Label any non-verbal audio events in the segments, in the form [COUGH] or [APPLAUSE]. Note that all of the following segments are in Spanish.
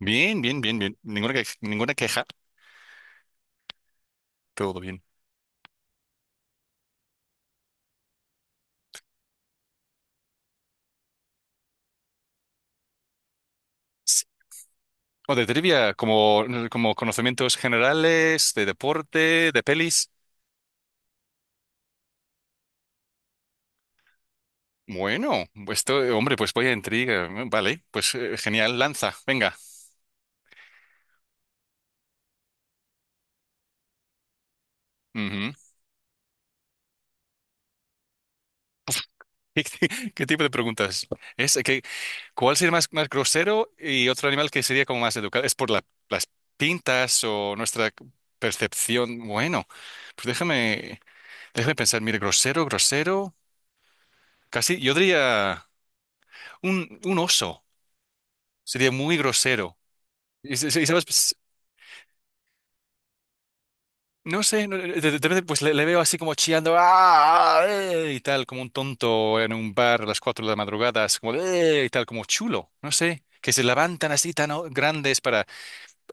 Bien, bien, bien, bien. Ninguna, ninguna queja. Todo bien. Sí. O de trivia, como conocimientos generales, de deporte, de pelis. Bueno, pues esto, hombre, pues voy a intriga, ¿no? Vale, pues genial, lanza, venga. Ujú. [LAUGHS] ¿Qué tipo de preguntas? Es que, ¿cuál sería más grosero y otro animal que sería como más educado? ¿Es por las pintas o nuestra percepción? Bueno, pues déjame pensar. Mire, grosero, grosero. Casi, yo diría. Un oso. Sería muy grosero. Y sabes, pues, no sé, de repente pues le veo así como chillando "Ah, y tal, como un tonto en un bar a las 4 de la madrugada, así como y tal, como chulo, no sé, que se levantan así tan grandes para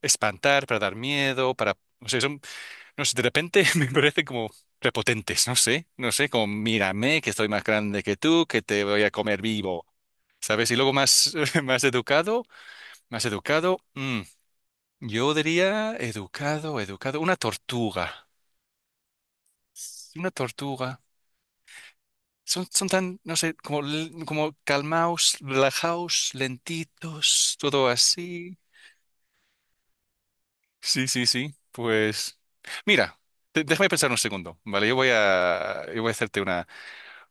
espantar, para dar miedo, para, no sé, son, no sé, de repente [LAUGHS] me parecen como prepotentes, no sé, no sé, como mírame, que estoy más grande que tú, que te voy a comer vivo, ¿sabes? Y luego más, [LAUGHS] más educado, más educado. Mm. Yo diría educado, educado, una tortuga, una tortuga. Son tan, no sé, como, como calmaos, relajaos, lentitos, todo así. Sí, sí, sí. Pues, mira, déjame pensar un segundo, ¿vale? Yo voy a hacerte una,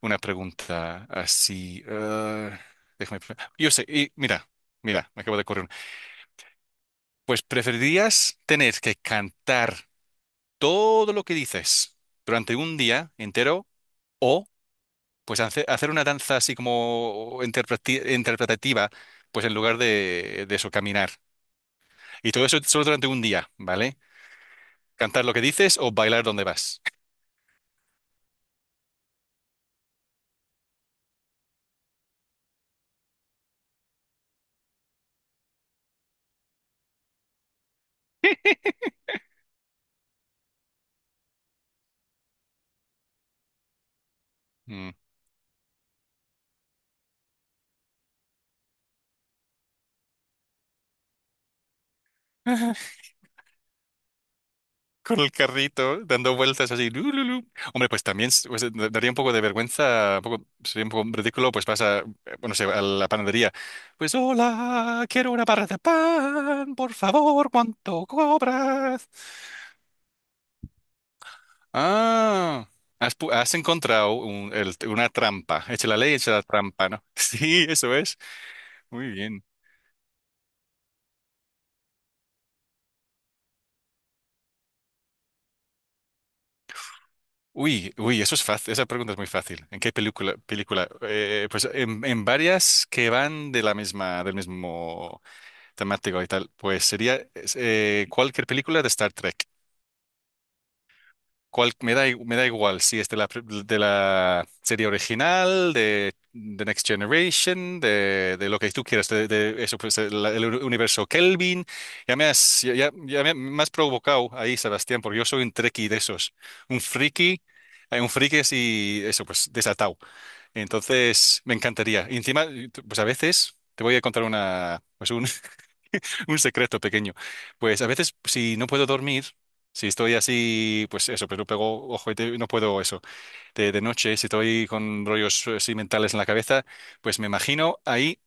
pregunta así. Yo sé, y mira, me acabo de correr. Pues, ¿preferirías tener que cantar todo lo que dices durante un día entero o pues hacer una danza así como interpretativa, pues en lugar de eso, caminar? Y todo eso solo durante un día, ¿vale? Cantar lo que dices o bailar donde vas. Mm. [LAUGHS] Con el carrito, dando vueltas así. Lu, lu, lu. Hombre, pues también pues, daría un poco de vergüenza, un poco, sería un poco ridículo, pues vas a, bueno, no sé, a la panadería. Pues hola, quiero una barra de pan, por favor, ¿cuánto cobras? Ah, has, has encontrado una trampa. Echa la ley, echa la trampa, ¿no? [LAUGHS] Sí, eso es. Muy bien. Uy, uy, eso es fácil. Esa pregunta es muy fácil. ¿En qué película? Película. Pues en varias que van de la misma, del mismo temático y tal. Pues sería es, cualquier película de Star Trek. Me da me da igual si es de la serie original, de The Next Generation, de lo que tú quieras, de eso, pues, el universo Kelvin. Ya me has provocado ahí, Sebastián, porque yo soy un trekkie de esos. Un friki, un friki así, eso, pues desatado. Entonces, me encantaría. Y encima, pues a veces te voy a contar una, pues un, [LAUGHS] un secreto pequeño. Pues a veces, si no puedo dormir, si estoy así, pues eso, pero pego ojo y no puedo eso. De noche, si estoy con rollos así mentales en la cabeza, pues me imagino ahí,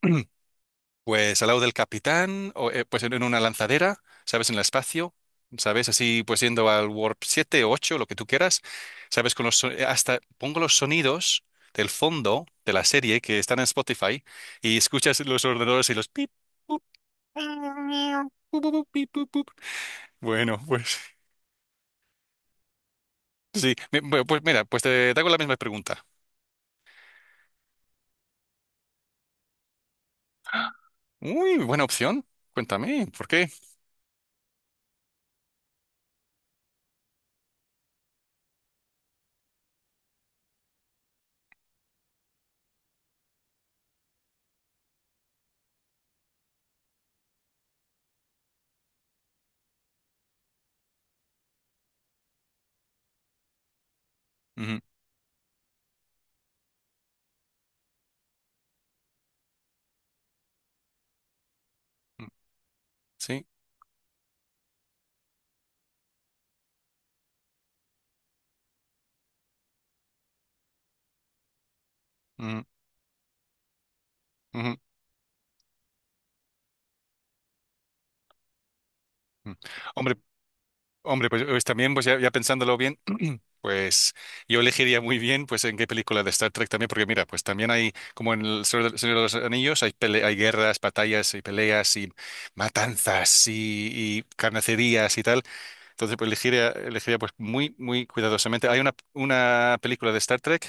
pues al lado del capitán, o pues en una lanzadera, ¿sabes? En el espacio. ¿Sabes? Así, pues yendo al Warp 7 o 8, lo que tú quieras, ¿sabes? Con los, hasta pongo los sonidos del fondo de la serie que están en Spotify y escuchas los ordenadores y los pip. Bueno, pues sí, pues mira, pues te hago la misma pregunta. Uy, buena opción. Cuéntame, ¿por qué? Ujú, ujú, sí. Ujú, ujú, ujú. Hombre, hombre, pues, también, pues ya pensándolo bien, [CLEARS THROAT] pues yo elegiría muy bien, pues en qué película de Star Trek también, porque mira, pues también hay, como en el Señor de los Anillos, hay guerras, batallas y peleas y matanzas y carnicerías y tal. Entonces, pues elegiría pues muy, muy cuidadosamente. Hay una, película de Star Trek,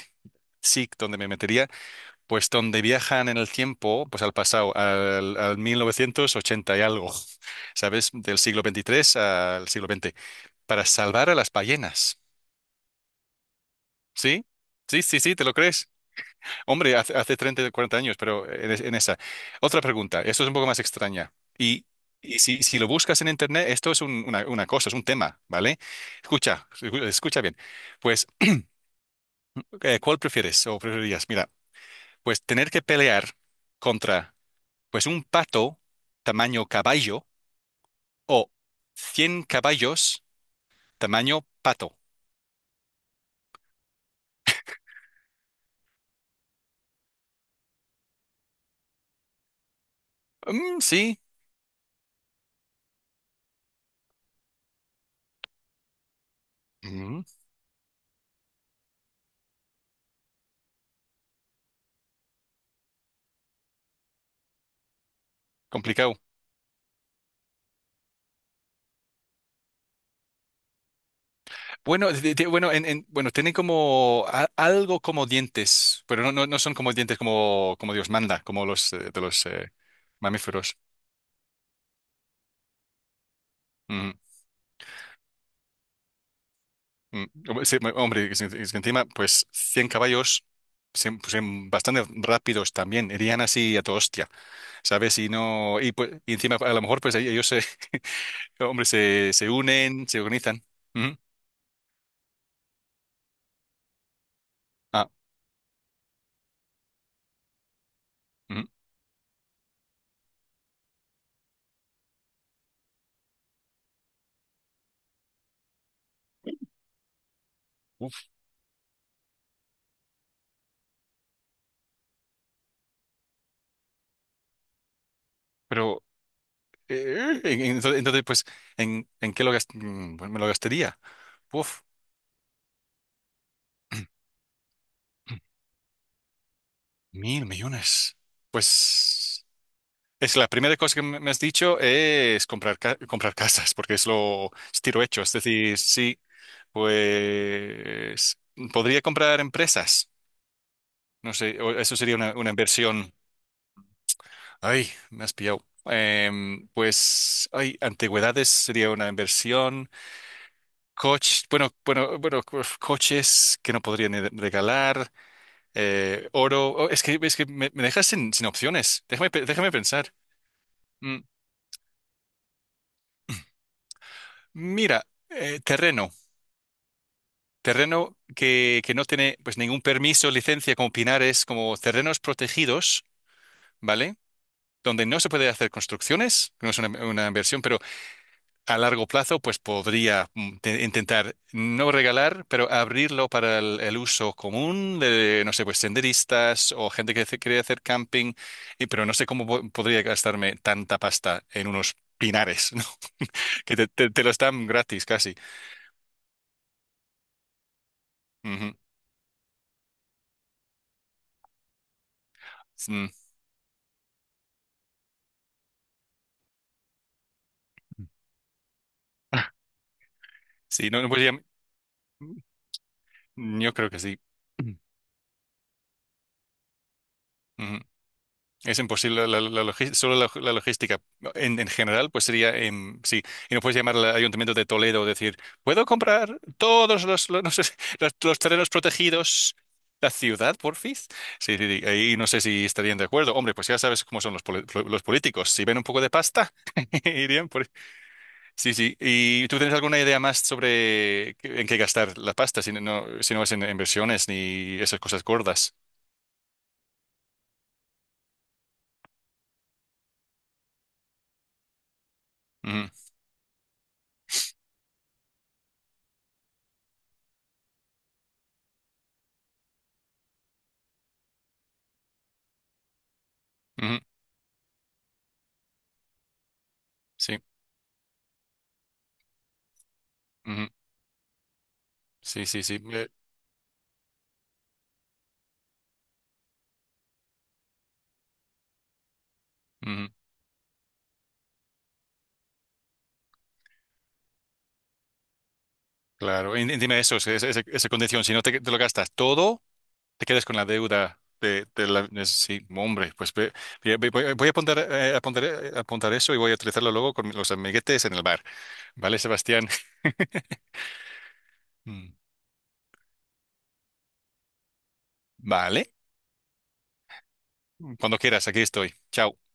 SIC, donde me metería, pues donde viajan en el tiempo, pues al pasado, al 1980 y algo, ¿sabes? Del siglo XXIII al siglo XX, para salvar a las ballenas. ¿Sí? Sí, sí, sí, ¿te lo crees? Hombre, hace 30, 40 años, pero en, en esa. Otra pregunta, esto es un poco más extraña. Y si lo buscas en Internet, esto es una cosa, es un tema, ¿vale? Escucha, escucha bien. Pues, ¿cuál prefieres o preferirías? Mira, pues tener que pelear contra pues un pato tamaño caballo o 100 caballos tamaño pato. Mm, sí, mm, complicado. Bueno, bueno, bueno, tienen como algo como dientes, pero no, no, no son como dientes como Dios manda, como los de los mamíferos. Mm, mm. Sí, hombre, es que encima, pues 100 caballos, pues, bastante rápidos también, irían así a toda hostia, ¿sabes? Y no, y, pues, y encima a lo mejor pues ahí ellos, se, [LAUGHS] hombre, se unen, se organizan. Ujú. Ah, ujú. Uf, pero entonces, pues, ¿en, qué bueno, me lo gastaría? Uf. Mil millones. Pues es la primera cosa que me has dicho es comprar, comprar casas, porque es lo es tiro hecho. Es decir, sí, pues podría comprar empresas. No sé, o eso sería una, inversión. Ay, me has pillado. Pues, ay, antigüedades sería una inversión. Coches, bueno, bueno, bueno, coches que no podría ni regalar. Oro. Oh, es que me dejas sin opciones. Déjame, déjame pensar. Mm, Mira, terreno, terreno que no tiene pues ningún permiso, licencia como pinares, como terrenos protegidos, ¿vale? Donde no se puede hacer construcciones, no es una, inversión, pero a largo plazo pues podría intentar no regalar, pero abrirlo para el uso común de, no sé, pues senderistas o gente que quiere hacer camping, y, pero no sé cómo podría gastarme tanta pasta en unos pinares, [LAUGHS] ¿no? Que te lo están gratis casi. Ujú. Mm. Sí, no, pues ya, yo creo que sí. Ujú. Es imposible, solo la logística, ¿no? En general, pues sería, sí, y no puedes llamar al Ayuntamiento de Toledo y decir, ¿puedo comprar todos los, no sé, [LAUGHS] los terrenos protegidos? La ciudad, porfis. Sí, sí, sí, ahí no sé si estarían de acuerdo. Hombre, pues ya sabes cómo son los políticos. Si ven un poco de pasta, [LAUGHS] irían por. Sí, sí. ¿Y tú tienes alguna idea más sobre en qué gastar la pasta, si no, es en inversiones ni esas cosas gordas? Ujú, ujú, sí, ujú, sí, sí, sí. Ujú, claro. Y dime eso, esa, condición. Si no te lo gastas todo, te quedas con la deuda de la... es- Sí, hombre, pues voy a apuntar, apuntar, apuntar eso y voy a utilizarlo luego con los amiguetes en el bar. ¿Vale, Sebastián? [LAUGHS] Mm. Vale. Cuando quieras, aquí estoy. Chao.